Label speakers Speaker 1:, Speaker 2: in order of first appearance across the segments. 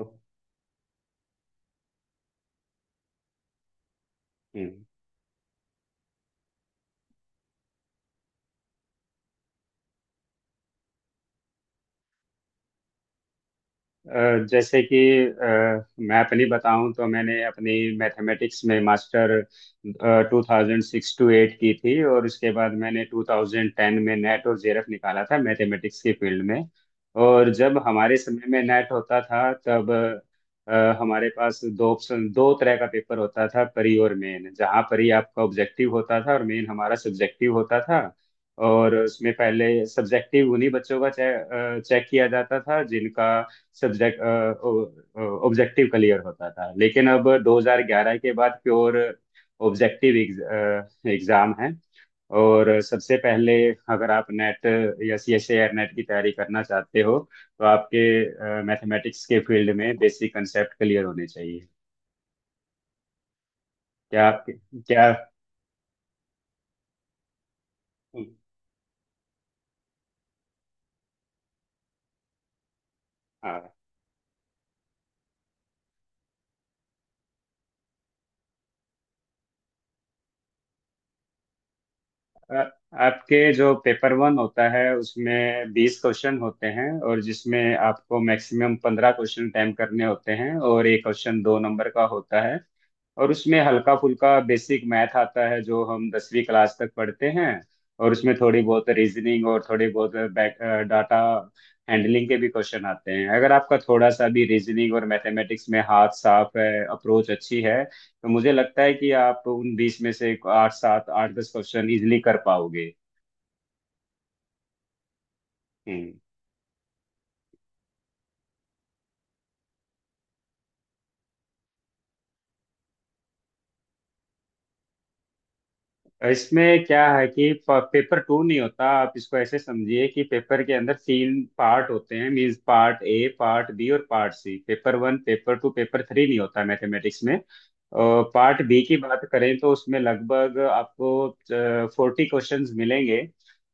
Speaker 1: Okay. जैसे कि मैं अपनी बताऊं तो मैंने अपनी मैथमेटिक्स में मास्टर 2006 टू 2008 की थी, और उसके बाद मैंने 2010 में नेट और जेरफ निकाला था मैथमेटिक्स के फील्ड में। और जब हमारे समय में नेट होता था तब अ, हमारे पास दो ऑप्शन, दो तरह का पेपर होता था, परी और मेन, जहाँ परी आपका ऑब्जेक्टिव होता था और मेन हमारा सब्जेक्टिव होता था। और उसमें पहले सब्जेक्टिव उन्हीं बच्चों का चेक किया जाता था जिनका सब्जेक्ट ऑब्जेक्टिव क्लियर होता था, लेकिन अब 2011 के बाद प्योर ऑब्जेक्टिव एग्जाम है। और सबसे पहले, अगर आप नेट या C S A R NET की तैयारी करना चाहते हो, तो आपके मैथमेटिक्स के फील्ड में बेसिक कंसेप्ट क्लियर होने चाहिए। क्या आपके? क्या? हाँ। अ, आपके जो पेपर वन होता है उसमें 20 क्वेश्चन होते हैं, और जिसमें आपको मैक्सिमम 15 क्वेश्चन अटेम्प्ट करने होते हैं, और एक क्वेश्चन 2 नंबर का होता है। और उसमें हल्का फुल्का बेसिक मैथ आता है जो हम 10वीं क्लास तक पढ़ते हैं। और उसमें थोड़ी बहुत रीजनिंग और थोड़ी बहुत बैक डाटा हैंडलिंग के भी क्वेश्चन आते हैं। अगर आपका थोड़ा सा भी रीजनिंग और मैथमेटिक्स में हाथ साफ है, अप्रोच अच्छी है, तो मुझे लगता है कि आप उन 20 में से 8, 7, 8, 10 क्वेश्चन इजिली कर पाओगे। हम्म। इसमें क्या है कि पेपर टू नहीं होता। आप इसको ऐसे समझिए कि पेपर के अंदर 3 पार्ट होते हैं, means part A, part B और part C. Paper one, paper two, paper three नहीं होता मैथमेटिक्स में। पार्ट बी की बात करें तो उसमें लगभग आपको 40 क्वेश्चंस मिलेंगे,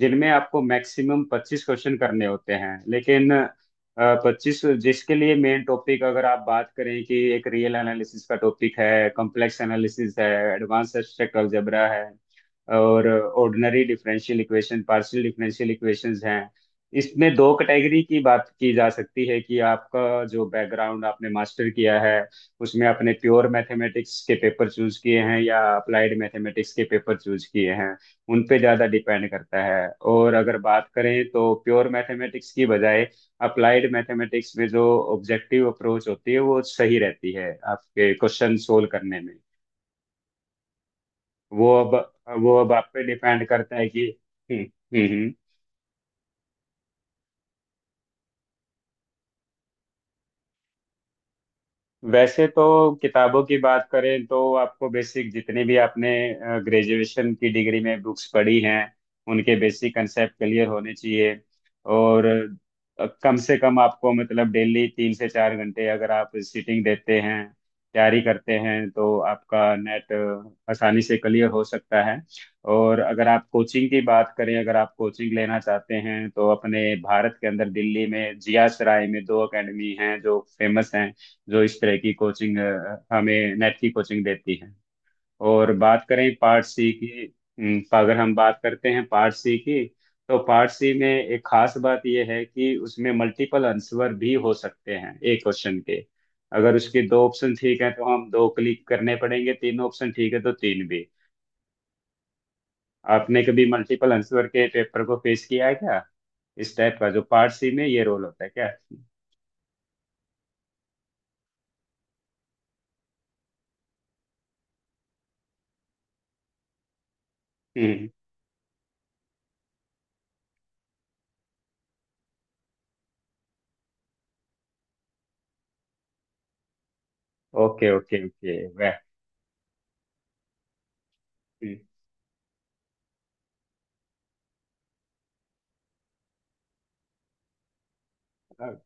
Speaker 1: जिनमें आपको मैक्सिमम 25 क्वेश्चन करने होते हैं, लेकिन पच्चीस जिसके लिए मेन टॉपिक। अगर आप बात करें, कि एक रियल एनालिसिस का टॉपिक है, कॉम्प्लेक्स एनालिसिस है, एडवांस एब्स्ट्रैक्ट अलजेब्रा है, और ordinary differential equation, partial differential equations हैं। इसमें दो कैटेगरी की बात की जा सकती है, कि आपका जो बैकग्राउंड आपने मास्टर किया है उसमें आपने प्योर मैथमेटिक्स के पेपर चूज किए हैं या अप्लाइड मैथमेटिक्स के पेपर चूज किए हैं, उन पे ज़्यादा डिपेंड करता है। और अगर बात करें तो प्योर मैथमेटिक्स की बजाय अप्लाइड मैथमेटिक्स में जो ऑब्जेक्टिव अप्रोच होती है वो सही रहती है आपके क्वेश्चन सोल्व करने में। वो अब वो अब आप पे डिपेंड करता है कि। हम्म, हम्म, वैसे तो किताबों की बात करें तो आपको बेसिक जितने भी आपने ग्रेजुएशन की डिग्री में बुक्स पढ़ी हैं उनके बेसिक कंसेप्ट क्लियर होने चाहिए। और कम से कम आपको, मतलब, डेली 3 से 4 घंटे अगर आप सिटिंग देते हैं, तैयारी करते हैं, तो आपका नेट आसानी से क्लियर हो सकता है। और अगर आप कोचिंग की बात करें, अगर आप कोचिंग लेना चाहते हैं, तो अपने भारत के अंदर दिल्ली में जिया सराय में 2 एकेडमी हैं जो फेमस हैं, जो इस तरह की कोचिंग, हमें नेट की कोचिंग देती है। और बात करें पार्ट सी की। अगर हम बात करते हैं पार्ट सी की, तो पार्ट सी में एक खास बात यह है कि उसमें मल्टीपल आंसर भी हो सकते हैं एक क्वेश्चन के। अगर उसके 2 ऑप्शन ठीक है तो हम दो क्लिक करने पड़ेंगे, 3 ऑप्शन ठीक है तो तीन भी। आपने कभी मल्टीपल आंसर के पेपर को फेस किया है क्या, इस टाइप का जो पार्ट सी में ये रोल होता है क्या? हम्म। Okay, okay, okay. वह,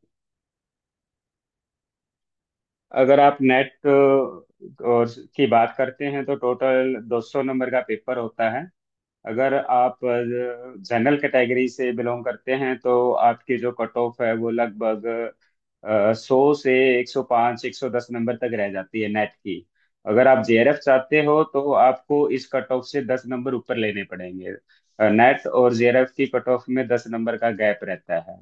Speaker 1: अगर आप नेट और की बात करते हैं तो टोटल 200 नंबर का पेपर होता है। अगर आप जनरल कैटेगरी से बिलोंग करते हैं तो आपकी जो कट ऑफ है वो लगभग 100 से 105, 110 नंबर तक रह जाती है नेट की। अगर आप JRF चाहते हो तो आपको इस कट ऑफ से 10 नंबर ऊपर लेने पड़ेंगे। नेट और JRF की कट ऑफ में 10 नंबर का गैप रहता है।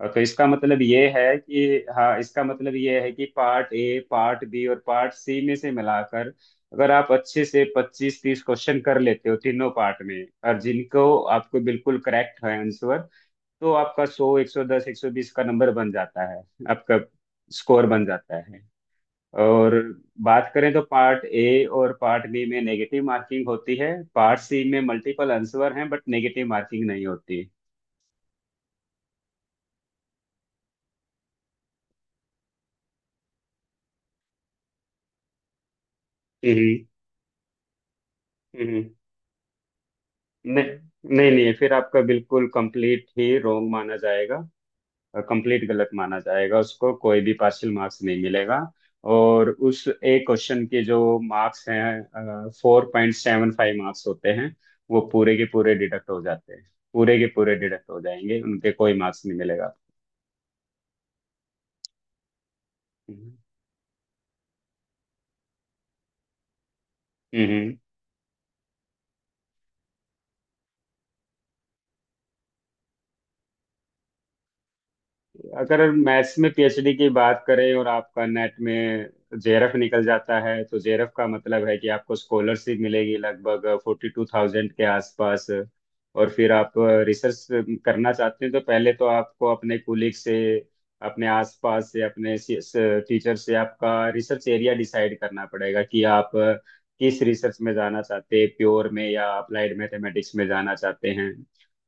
Speaker 1: और तो इसका मतलब ये है कि, हाँ, इसका मतलब ये है कि पार्ट ए, पार्ट बी और पार्ट सी में से मिलाकर अगर आप अच्छे से 25, 30 क्वेश्चन कर लेते हो तीनों पार्ट में, और जिनको आपको बिल्कुल करेक्ट है आंसर, तो आपका 100, 110, 120 का नंबर बन जाता है, आपका स्कोर बन जाता है। और बात करें तो पार्ट ए और पार्ट बी में नेगेटिव मार्किंग होती है, पार्ट सी में मल्टीपल आंसर हैं बट नेगेटिव मार्किंग नहीं होती। हम्म, हम्म। नहीं, नहीं, नहीं, फिर आपका बिल्कुल कंप्लीट ही रॉन्ग माना जाएगा, कंप्लीट गलत माना जाएगा, उसको कोई भी पार्शियल मार्क्स नहीं मिलेगा। और उस एक क्वेश्चन के जो मार्क्स हैं, 4.75 मार्क्स होते हैं, वो पूरे के पूरे डिडक्ट हो जाते हैं। पूरे के पूरे डिडक्ट हो जाएंगे, उनके कोई मार्क्स नहीं मिलेगा। हम्म, हम्म। अगर मैथ्स में PhD की बात करें और आपका नेट में JRF निकल जाता है, तो JRF का मतलब है कि आपको स्कॉलरशिप मिलेगी लगभग 42,000 के आसपास। और फिर आप रिसर्च करना चाहते हैं तो पहले तो आपको अपने कुलीग से, अपने आसपास से, अपने टीचर से आपका रिसर्च एरिया डिसाइड करना पड़ेगा कि आप किस रिसर्च में जाना चाहते हैं, प्योर में या अप्लाइड मैथमेटिक्स में जाना चाहते हैं।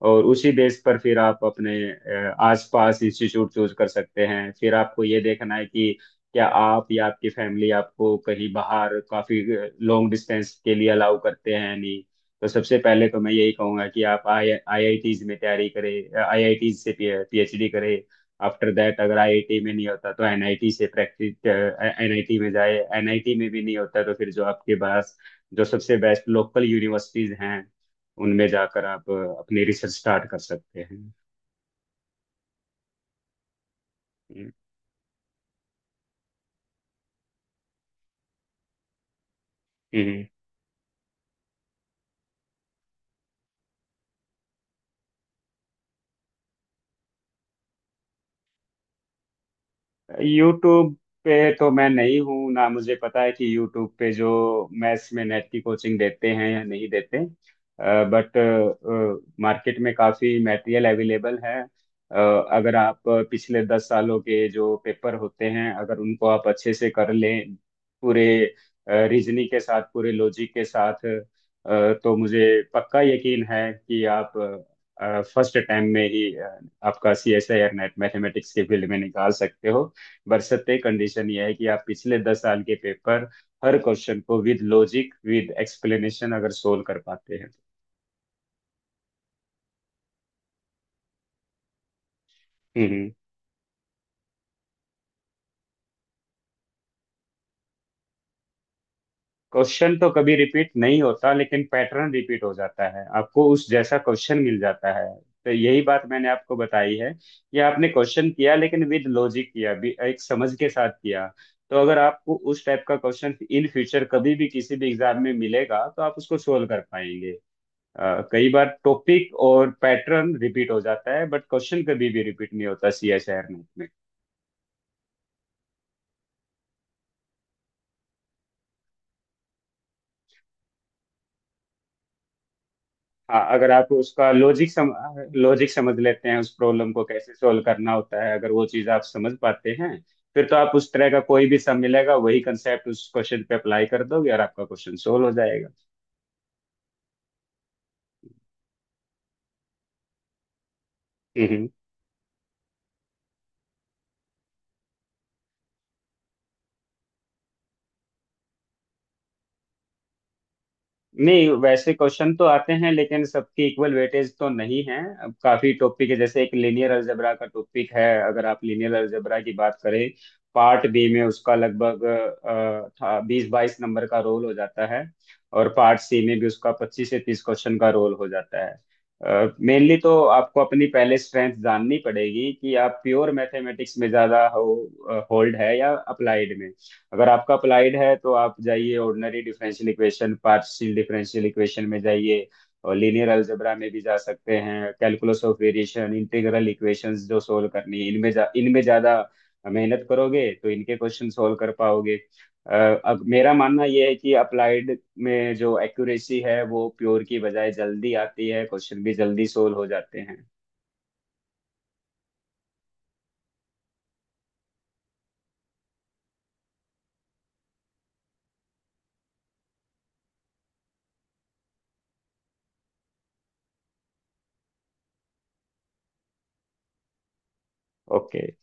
Speaker 1: और उसी बेस पर फिर आप अपने आसपास इंस्टीट्यूट चूज कर सकते हैं। फिर आपको ये देखना है कि क्या आप या आपकी फैमिली आपको कहीं बाहर काफी लॉन्ग डिस्टेंस के लिए अलाउ करते हैं या नहीं। तो सबसे पहले तो मैं यही कहूंगा कि आप आई आईआईटीज में तैयारी करें, IITs से PhD करें। आफ्टर दैट अगर IIT में नहीं होता तो NIT से प्रैक्टिस, NIT में जाए, NIT में भी नहीं होता तो फिर जो आपके पास जो सबसे बेस्ट लोकल यूनिवर्सिटीज हैं उनमें जाकर आप अपनी रिसर्च स्टार्ट कर सकते हैं। हम्म, हम्म, यूट्यूब पे तो मैं नहीं हूँ ना। मुझे पता है कि यूट्यूब पे जो मैथ्स में नेट की कोचिंग देते हैं या नहीं देते, बट मार्केट में काफ़ी मटेरियल अवेलेबल है। अ, अगर आप पिछले 10 सालों के जो पेपर होते हैं, अगर उनको आप अच्छे से कर लें, पूरे रीजनिंग के साथ, पूरे लॉजिक के साथ, तो मुझे पक्का यकीन है कि आप फर्स्ट टाइम में ही, आपका C S I R NET mathematics के फील्ड में निकाल सकते हो। बशर्ते, कंडीशन यह है कि आप पिछले दस साल के पेपर, हर क्वेश्चन को विद लॉजिक, विद एक्सप्लेनेशन अगर सोल्व कर पाते हैं। हम्म क्वेश्चन तो कभी रिपीट नहीं होता, लेकिन पैटर्न रिपीट हो जाता है, आपको उस जैसा क्वेश्चन मिल जाता है। तो यही बात मैंने आपको बताई है कि आपने क्वेश्चन किया लेकिन विद लॉजिक किया, एक समझ के साथ किया। तो अगर आपको उस टाइप का क्वेश्चन इन फ्यूचर कभी भी किसी भी एग्जाम में मिलेगा तो आप उसको सोल्व कर पाएंगे। कई बार टॉपिक और पैटर्न रिपीट हो जाता है बट क्वेश्चन कभी भी रिपीट नहीं होता CSR नेट में। हाँ, अगर आप उसका लॉजिक समझ लेते हैं, उस प्रॉब्लम को कैसे सॉल्व करना होता है, अगर वो चीज़ आप समझ पाते हैं फिर तो आप उस तरह का कोई भी सम मिलेगा वही कंसेप्ट उस क्वेश्चन पे अप्लाई कर दोगे और आपका क्वेश्चन सोल्व हो जाएगा। नहीं, वैसे क्वेश्चन तो आते हैं लेकिन सबकी इक्वल वेटेज तो नहीं है। अब काफी टॉपिक है, जैसे एक लीनियर अलजेब्रा का टॉपिक है। अगर आप लीनियर अलजेब्रा की बात करें, पार्ट बी में उसका लगभग 20, 22 नंबर का रोल हो जाता है, और पार्ट सी में भी उसका 25 से 30 क्वेश्चन का रोल हो जाता है। मेनली तो आपको अपनी पहले स्ट्रेंथ जाननी पड़ेगी कि आप प्योर मैथमेटिक्स में ज्यादा हो होल्ड है या अप्लाइड में। अगर आपका अप्लाइड है तो आप जाइए, ordinary differential equation, partial differential equation में जाइए। और लीनियर अलजेब्रा में भी जा सकते हैं, calculus of variation, integral equations जो सोल्व करनी है, इनमें ज़्यादा मेहनत करोगे तो इनके क्वेश्चन सोल्व कर पाओगे। अ, अब मेरा मानना यह है कि अप्लाइड में जो एक्यूरेसी है वो प्योर की बजाय जल्दी आती है, क्वेश्चन भी जल्दी सोल्व हो जाते हैं। ओके।